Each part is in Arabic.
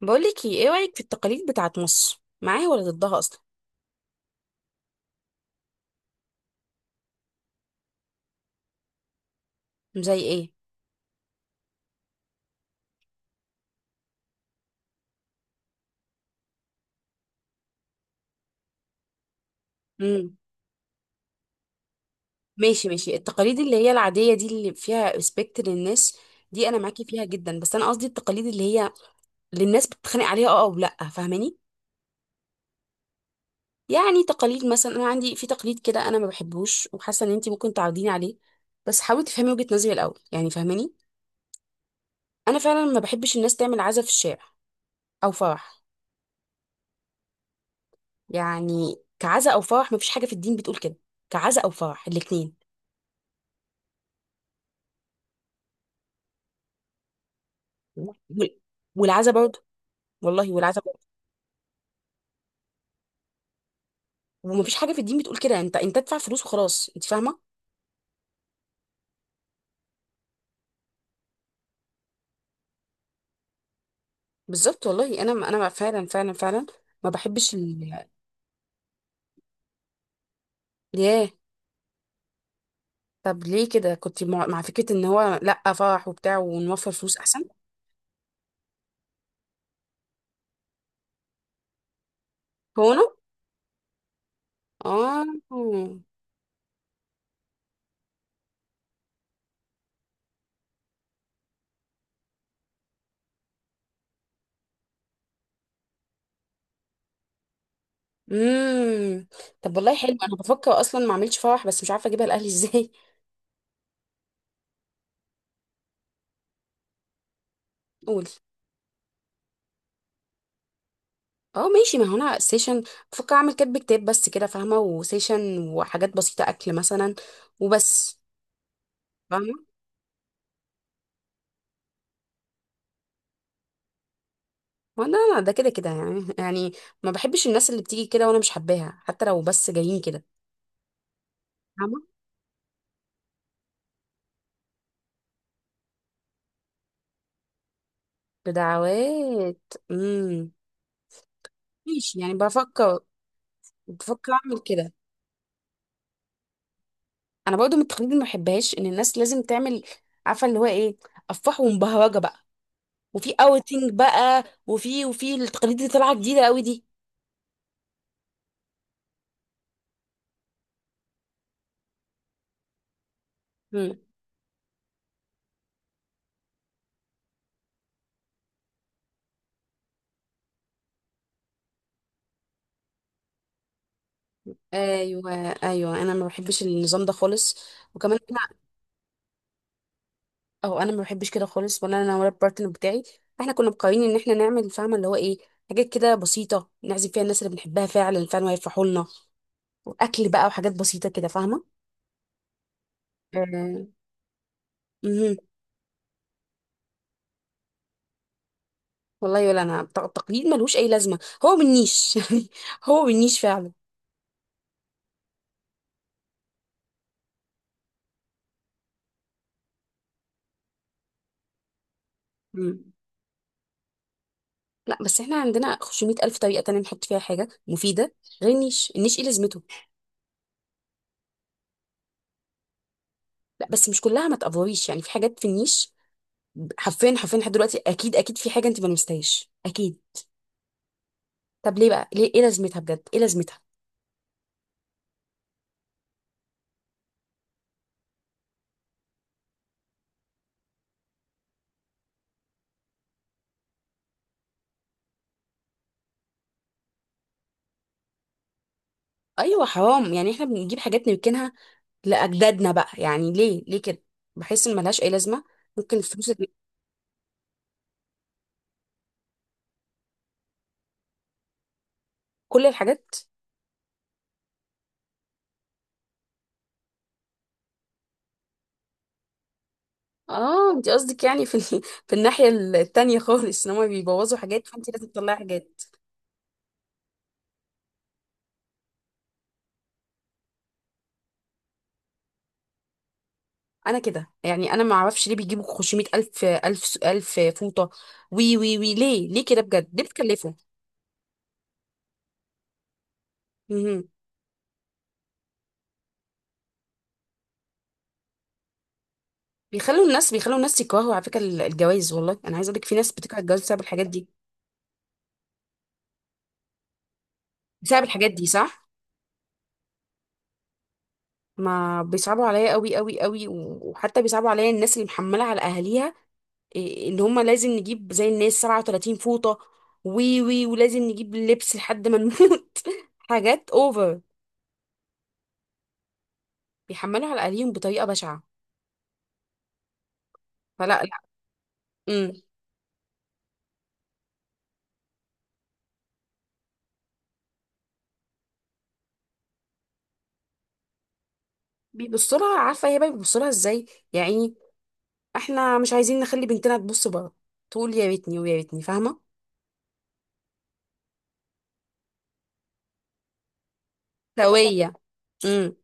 بقولك، ايه رأيك في التقاليد بتاعت مصر، معاها ولا ضدها اصلا؟ زي ايه؟ امم. ماشي ماشي، التقاليد اللي هي العادية دي اللي فيها ريسبكت للناس، دي انا معاكي فيها جدا. بس انا قصدي التقاليد اللي هي اللي الناس بتتخانق عليها. اه، او لا، فاهماني؟ يعني تقاليد مثلا انا عندي في تقليد كده انا ما بحبوش، وحاسه ان انتي ممكن تعرضيني عليه. بس حاولي تفهمي وجهة نظري الاول، يعني فاهماني؟ انا فعلا ما بحبش الناس تعمل عزا في الشارع او فرح. يعني كعزا او فرح ما فيش حاجة في الدين بتقول كده، كعزا او فرح الاتنين. و- والعزا برضه. والله والعزا برضه. ومفيش حاجه في الدين بتقول كده. انت ادفع فلوس وخلاص، انت فاهمه؟ بالظبط. والله انا فعلا فعلا فعلا ما بحبش ياه. طب ليه كده؟ كنت مع فكره ان هو لا فرح وبتاع ونوفر فلوس احسن. هو انا، اه. امم. طب والله حلو. انا بفكر اصلا ما اعملش فرح بس مش عارفه اجيبها لاهلي ازاي. قولي. اه، ماشي. ما هو انا سيشن بفكر اعمل كاتب كتاب بس كده، فاهمه؟ وسيشن وحاجات بسيطه، اكل مثلا، وبس. فاهمه. ما لا لا، ده كده كده، يعني ما بحبش الناس اللي بتيجي كده وانا مش حباها، حتى لو بس جايين كده. فاهمة. بدعوات. امم. ماشي، يعني بفكر اعمل كده. انا برضو من التقاليد اللي ما بحبهاش ان الناس لازم تعمل، عارفة اللي هو ايه، افراح ومبهرجة بقى، وفي اوتنج بقى، وفي التقاليد اللي طالعة جديدة قوي دي. امم. ايوه، ايوه، انا ما بحبش النظام ده خالص. وكمان، او انا ما بحبش كده خالص، ولا انا ولا البارتنر بتاعي. احنا كنا مقررين ان احنا نعمل، فاهمه اللي هو ايه، حاجات كده بسيطه نعزم فيها الناس اللي بنحبها فعلا فعلا، ويفرحوا لنا، واكل بقى وحاجات بسيطه كده، فاهمه؟ آه. مهم. والله، ولا انا. التقليد ملوش اي لازمه، هو بالنيش يعني. هو بالنيش فعلا. مم. لا، بس احنا عندنا 500 الف طريقه تانية نحط فيها حاجه مفيده غير النيش. النيش ايه لازمته؟ لا، بس مش كلها، ما تقفريش يعني. في حاجات في النيش، حرفيا حرفيا، لحد دلوقتي اكيد، اكيد في حاجه انت ما لمستهاش، اكيد. طب ليه بقى؟ ليه؟ ايه لازمتها بجد؟ ايه لازمتها؟ ايوه، حرام يعني. احنا بنجيب حاجات نركنها لاجدادنا بقى، يعني ليه ليه كده؟ بحس ان ملهاش اي لازمه. ممكن الفلوس اللي- كل الحاجات. اه، انت قصدك يعني في في الناحيه التانية خالص، ان هم بيبوظوا حاجات فانت لازم تطلعي حاجات. انا كده يعني، انا ما اعرفش ليه بيجيبوا 500 الف الف الف فوطه، وي وي وي، ليه ليه كده بجد؟ ليه بتكلفوا؟ مهم. بيخلوا الناس يكرهوا على فكره الجواز. والله انا عايزه اقول لك، في ناس بتكره الجواز بسبب الحاجات دي. بسبب الحاجات دي، صح. ما بيصعبوا عليا قوي قوي قوي، وحتى بيصعبوا عليا الناس اللي محمله على اهاليها. إيه، ان هم لازم نجيب زي الناس 37 فوطه، وي وي، ولازم نجيب اللبس لحد ما نموت حاجات اوفر. بيحملوا على اهاليهم بطريقه بشعه. فلا، لا. امم. بيبصوا لها، عارفه هي بقى بيبصوا لها ازاي يعني. احنا مش عايزين نخلي بنتنا تبص بره، تقول يا ريتني ويا ريتني، فاهمه؟ سويه. امم.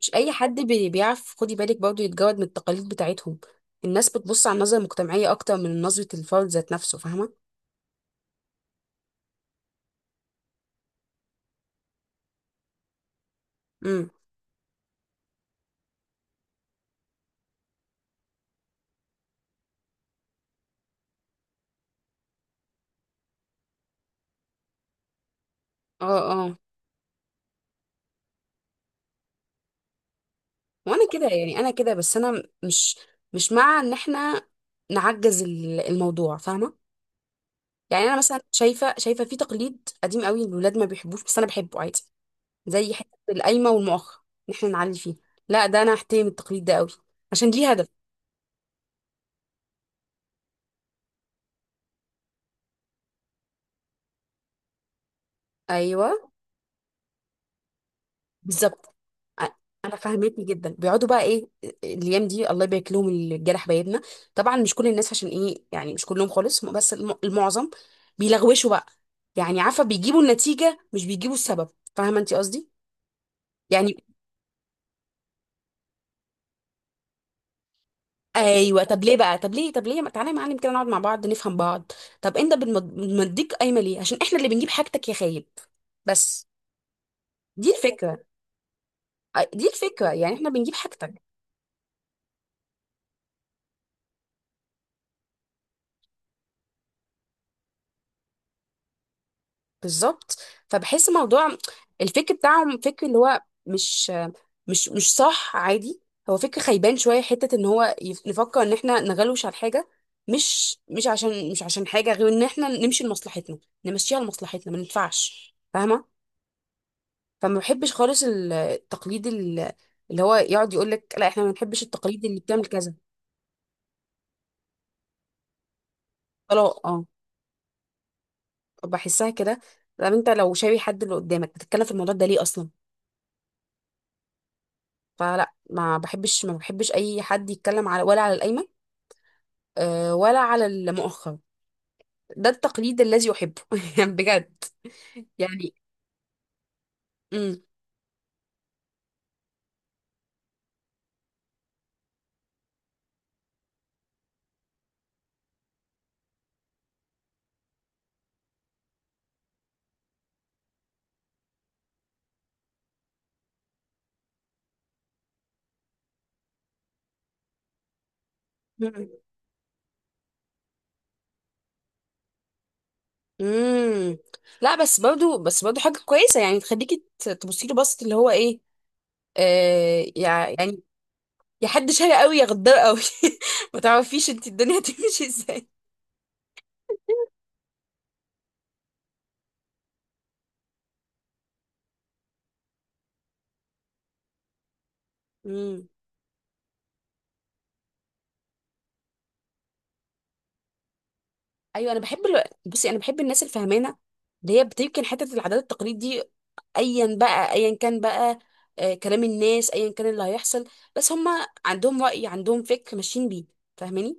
مش اي حد بيعرف، خدي بالك برضه، يتجرد من التقاليد بتاعتهم. الناس بتبص على النظرة المجتمعية اكتر من نظرة الفرد ذات نفسه، فاهمة؟ امم. اه، اه. وانا كده يعني، انا كده، بس انا مش مع ان احنا نعجز الموضوع، فاهمة؟ يعني انا مثلا شايفة، في تقليد قديم قوي الولاد ما بيحبوش بس انا بحبه عادي، زي حتة القايمة والمؤخر، ان احنا نعلي فيه. لا، ده انا احترم التقليد ده قوي عشان ليه هدف. ايوه، بالظبط. أ- انا فهمتني جدا، بيقعدوا بقى ايه، الايام دي الله يبارك لهم الجرح بيدنا. طبعا مش كل الناس، عشان ايه يعني، مش كلهم خالص بس المعظم بيلغوشوا بقى. يعني عارفه، بيجيبوا النتيجه مش بيجيبوا السبب، فاهمه انت قصدي يعني؟ ايوه. طب ليه بقى؟ طب ليه طب ليه ما تعالى يا معلم كده نقعد مع بعض نفهم بعض. طب انت بتمديك قايمه ليه؟ عشان احنا اللي بنجيب حاجتك يا خايب. بس. دي الفكره. دي الفكره يعني، احنا بنجيب حاجتك. بالظبط. فبحس موضوع الفكر بتاعهم فكر اللي هو، مش صح عادي. هو فكر خيبان شويه حته ان هو نفكر ان احنا نغلوش على حاجه، مش عشان حاجه غير ان احنا نمشي لمصلحتنا، نمشيها لمصلحتنا، ما ينفعش فاهمه. فما بحبش خالص التقليد اللي هو يقعد يقول لك لا احنا ما بنحبش التقاليد اللي بتعمل كذا. طلاق، اه. بحسها كده. طب انت لو شايف حد اللي قدامك بتتكلم في الموضوع ده ليه اصلا؟ فلا، ما بحبش اي حد يتكلم على، ولا على القايمه، آه، ولا على المؤخر. ده التقليد الذي احبه يعني بجد. يعني. امم. امم. لا بس برضو، بس برضو حاجه كويسه يعني تخليكي تبصي له بصت اللي هو ايه، آه يعني. يا حد شاري قوي يا غدار قوي. ما تعرفيش انت الدنيا هتمشي ازاي. امم. ايوه، انا بحب بصي، انا بحب الناس الفهمانه اللي هي بتمكن حته العادات والتقاليد دي، ايا بقى، ايا كان بقى، آه، كلام الناس، ايا كان اللي هيحصل، بس هما عندهم رأي، عندهم فكر ماشيين بيه، فاهماني؟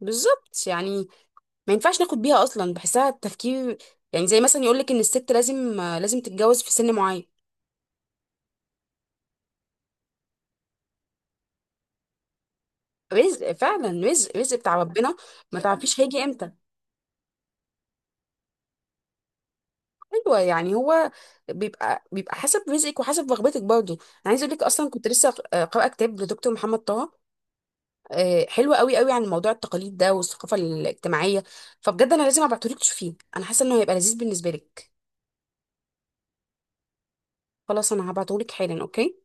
بالظبط يعني. ما ينفعش ناخد بيها اصلا، بحسها التفكير. يعني زي مثلا يقولك ان الست لازم، آه، لازم تتجوز في سن معين. رزق، فعلا رزق، رزق بتاع ربنا. ما تعرفيش هيجي امتى. ايوه، يعني هو بيبقى حسب رزقك وحسب رغبتك برضه. انا عايز اقول لك، اصلا كنت لسه، آه، قارئه كتاب لدكتور محمد طه، آه، حلوه قوي قوي عن موضوع التقاليد ده والثقافه الاجتماعيه. فبجد انا لازم ابعتهولك تشوفيه، انا حاسه انه هيبقى لذيذ بالنسبه لك. خلاص، انا هبعتهولك حالا. اوكي.